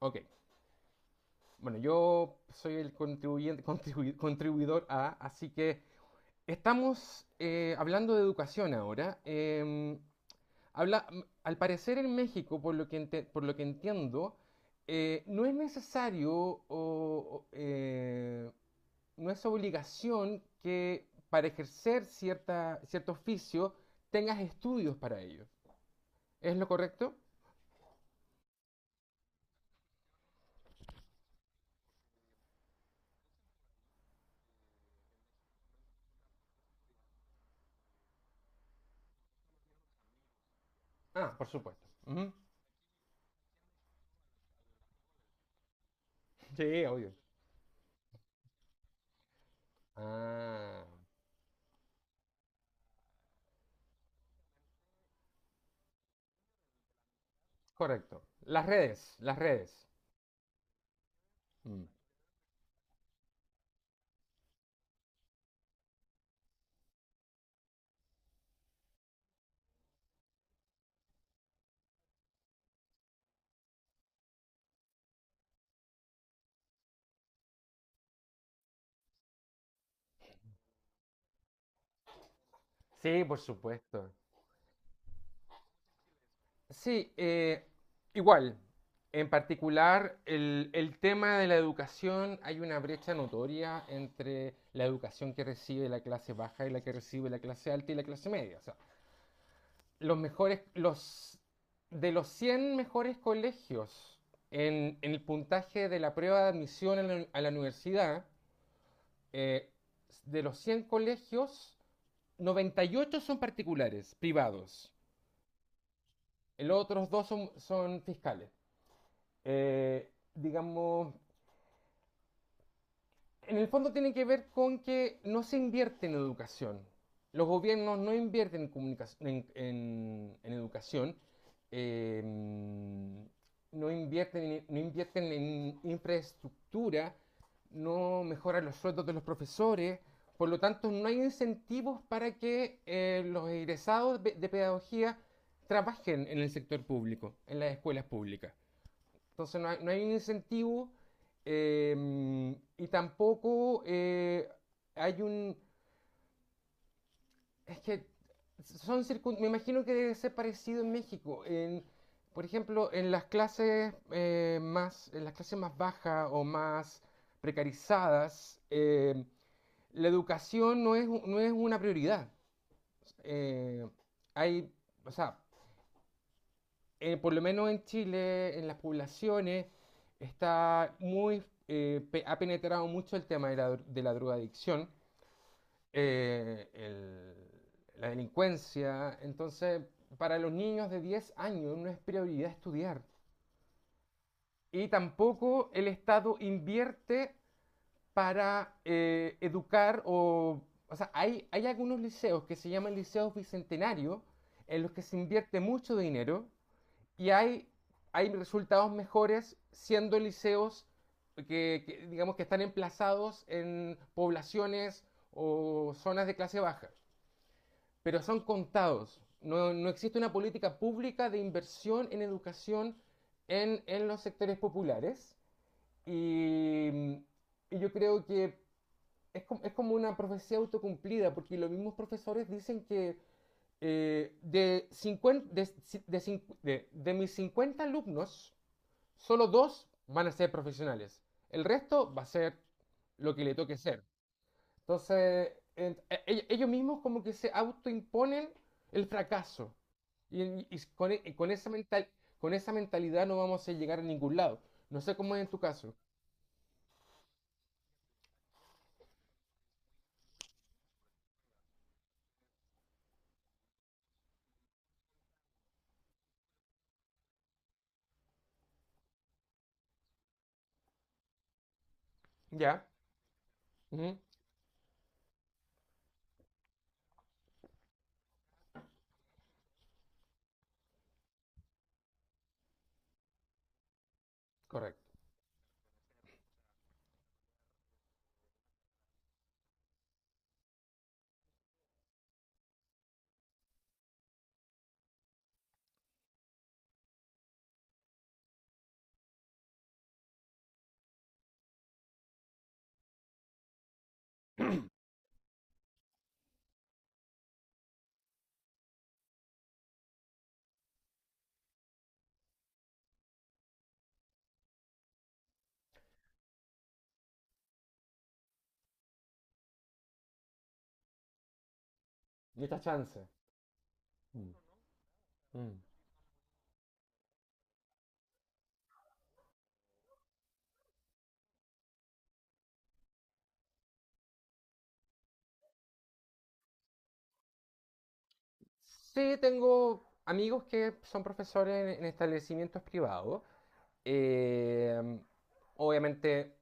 Ok, bueno, yo soy el contribuyente, contribuidor A, así que estamos hablando de educación ahora. Habla, al parecer en México, por lo que, por lo que entiendo, no es necesario o, no es obligación que para ejercer cierto oficio tengas estudios para ello. ¿Es lo correcto? Ah, por supuesto. Ujú. Sí, obvio. Ah. Correcto. Las redes, las redes. Mm. Sí, por supuesto. Sí, igual. En particular, el tema de la educación, hay una brecha notoria entre la educación que recibe la clase baja y la que recibe la clase alta y la clase media. O sea, los mejores, los, de los 100 mejores colegios en el puntaje de la prueba de admisión a la universidad, eh, de los 100 colegios, 98 son particulares, privados. Los otros dos son fiscales. Digamos, en el fondo tiene que ver con que no se invierte en educación. Los gobiernos no invierten en, comunicación- en educación, eh, no, invierten, no invierten en infraestructura, no mejoran los sueldos de los profesores, por lo tanto no hay incentivos para que los egresados de pedagogía trabajen en el sector público, en las escuelas públicas. Entonces no hay un incentivo y tampoco hay un. Es que son circun. Me imagino que debe ser parecido en México. Por ejemplo, en las clases más bajas o más precarizadas, la educación no es una prioridad. Eh, hay, o sea, por lo menos en Chile, en las poblaciones, ha penetrado mucho el tema de la, de la drogadicción, eh, el- la delincuencia. Entonces, para los niños de 10 años no es prioridad estudiar. Y tampoco el Estado invierte para educar o. O sea, hay algunos liceos que se llaman liceos bicentenarios en los que se invierte mucho dinero y hay resultados mejores siendo liceos que, digamos, que están emplazados en poblaciones o zonas de clase baja, pero son contados. No, no existe una política pública de inversión en educación en los sectores populares y, y yo creo que es como, una profecía autocumplida, porque los mismos profesores dicen que de, 50 de mis 50 alumnos, solo dos van a ser profesionales. El resto va a ser lo que le toque ser. Entonces, ellos mismos como que se autoimponen el fracaso. Y, y con esa mentalidad no vamos a llegar a ningún lado. No sé cómo es en tu caso. Ya. Ujú. Correcto. ¿Y esta chance? Mm, mm. Sí, tengo amigos que son profesores en establecimientos privados. Eh, obviamente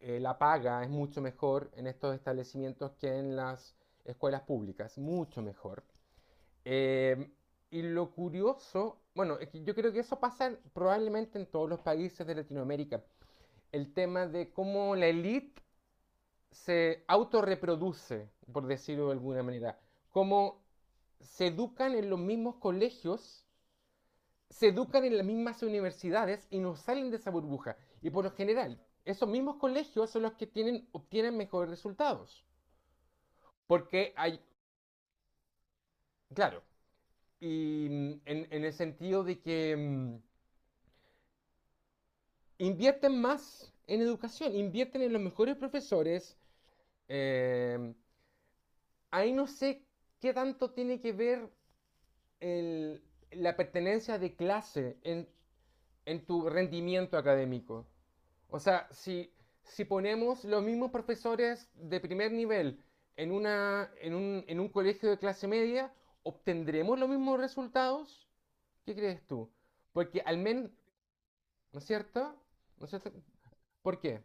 la paga es mucho mejor en estos establecimientos que en las escuelas públicas, mucho mejor. Eh, y lo curioso, bueno, es que yo creo que eso pasa probablemente en todos los países de Latinoamérica, el tema de cómo la élite se autorreproduce, por decirlo de alguna manera, cómo se educan en los mismos colegios se educan en las mismas universidades y no salen de esa burbuja. Y por lo general, esos mismos colegios son los que obtienen mejores resultados. Porque claro, y en el sentido de que invierten más en educación, invierten en los mejores profesores. eh, ahí no sé qué tanto tiene que ver el- la pertenencia de clase en tu rendimiento académico. O sea, si ponemos los mismos profesores de primer nivel en, una, en un colegio de clase media, ¿obtendremos los mismos resultados? ¿Qué crees tú? Porque al menos, ¿no es cierto? ¿No es cierto? ¿Por qué?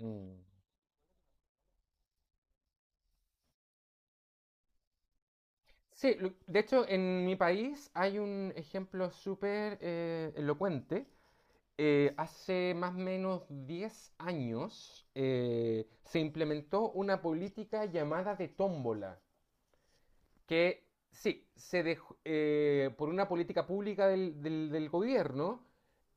Mm. Sí, de hecho en mi país hay un ejemplo súper elocuente hace más o menos 10 años se implementó una política llamada de tómbola, que sí, se dejó, por una política pública del gobierno,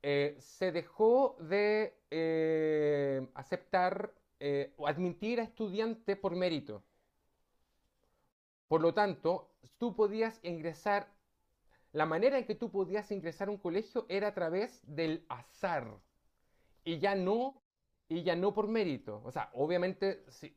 se dejó de aceptar o admitir a estudiantes por mérito. Por lo tanto, tú podías ingresar, la manera en que tú podías ingresar a un colegio era a través del azar. y ya no, y ya no por mérito. O sea, obviamente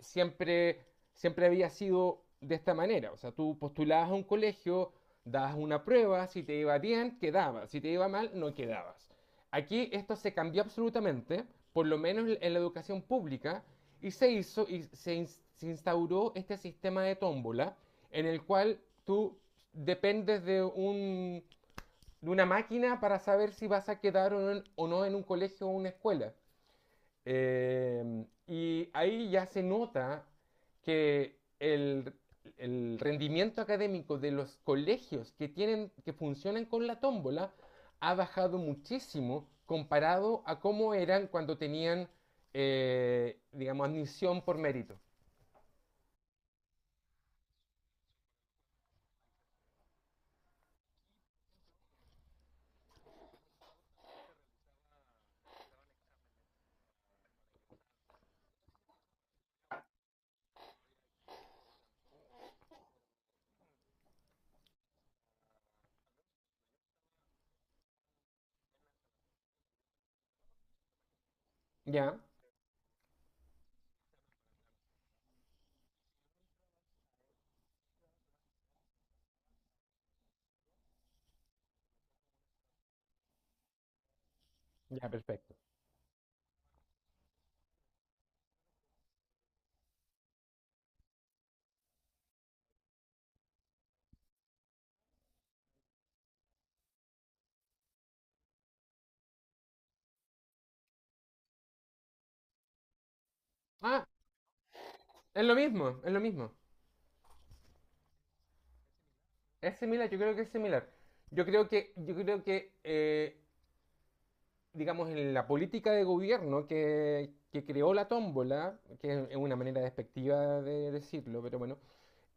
siempre, siempre había sido de esta manera. O sea, tú postulabas a un colegio, dabas una prueba, si te iba bien, quedabas, si te iba mal, no quedabas. Aquí esto se cambió absolutamente, por lo menos en la educación pública, y se hizo y se instauró este sistema de tómbola en el cual tú dependes de una máquina para saber si vas a quedar o no en un colegio o una escuela. Y ahí ya se nota que el rendimiento académico de los colegios que funcionan con la tómbola ha bajado muchísimo comparado a cómo eran cuando tenían, digamos, admisión por mérito. ¿Ya? Ya, perfecto. Ah, es lo mismo, es lo mismo. Es similar, yo creo que es similar. Yo creo que digamos, en la política de gobierno que creó la tómbola, que es una manera despectiva de decirlo, pero bueno,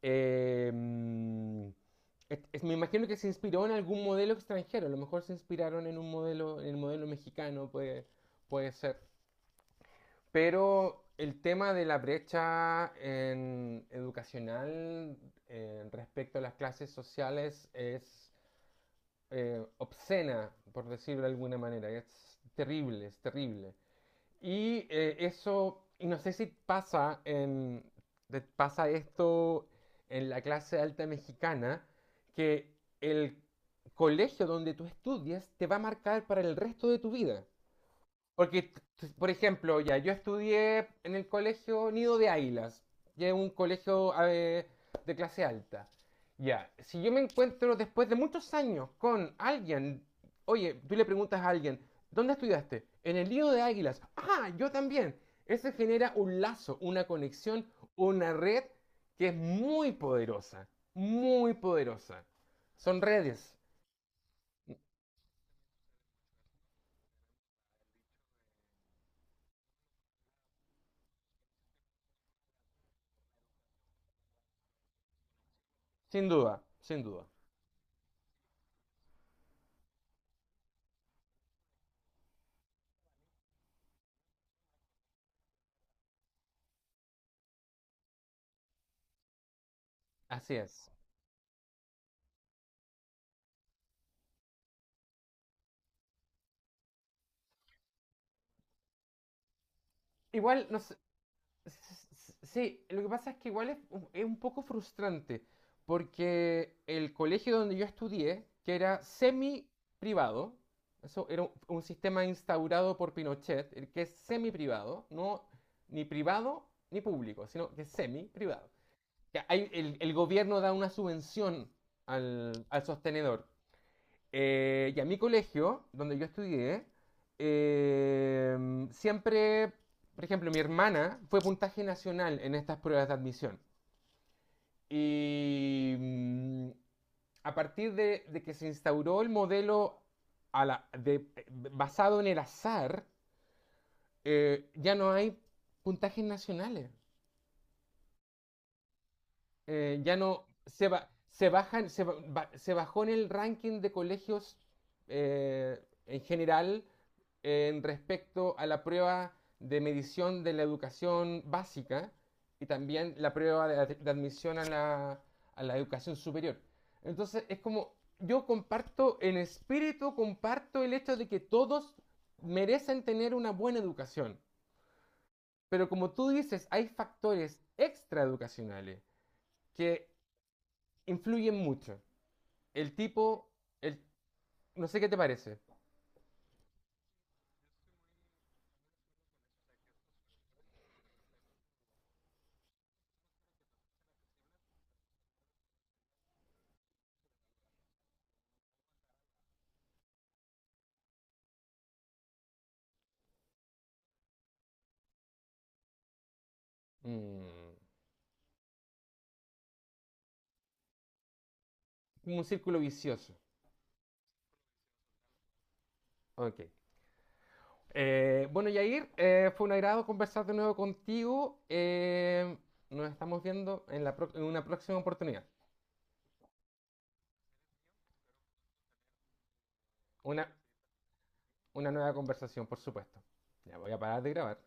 eh, mm, me imagino que se inspiró en algún modelo extranjero, a lo mejor se inspiraron en un modelo, en el modelo mexicano, puede ser. Pero el tema de la brecha educacional respecto a las clases sociales es obscena, por decirlo de alguna manera. Es terrible, es terrible. Y eso, y no sé si pasa esto en la clase alta mexicana, que el colegio donde tú estudias te va a marcar para el resto de tu vida. Porque, por ejemplo, ya, yo estudié en el colegio Nido de Águilas, que es un colegio a de clase alta. Ya, si yo me encuentro después de muchos años con alguien, oye, tú le preguntas a alguien, ¿dónde estudiaste? En el Nido de Águilas. Ah, yo también. Eso genera un lazo, una conexión, una red que es muy poderosa, muy poderosa. Son redes, sin duda, sin duda. Así es. Igual, no sé. S- Sí, lo que pasa es que igual es un poco frustrante, porque el colegio donde yo estudié, que era semi privado, eso era un sistema instaurado por Pinochet, el que es semi privado, no ni privado ni público, sino que es semi privado. El gobierno da una subvención al sostenedor, y a mi colegio, donde yo estudié, siempre, por ejemplo, mi hermana fue puntaje nacional en estas pruebas de admisión. Y a partir de que se instauró el modelo a la- de- basado en el azar, ya no hay puntajes nacionales. Ya no se, ba- se bajó en el ranking de colegios eh, en general en respecto a la prueba de medición de la educación básica y también la prueba de admisión a la educación superior. Entonces es como yo comparto en espíritu, comparto el hecho de que todos merecen tener una buena educación. Pero como tú dices, hay factores extraeducacionales que influyen mucho. El tipo, el, no sé qué te parece. Mm, un círculo vicioso. Ok. Bueno, Yair, fue un agrado conversar de nuevo contigo. Nos estamos viendo en, en una próxima oportunidad. Una, una nueva conversación, por supuesto. Ya voy a parar de grabar.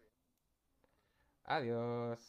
Adiós.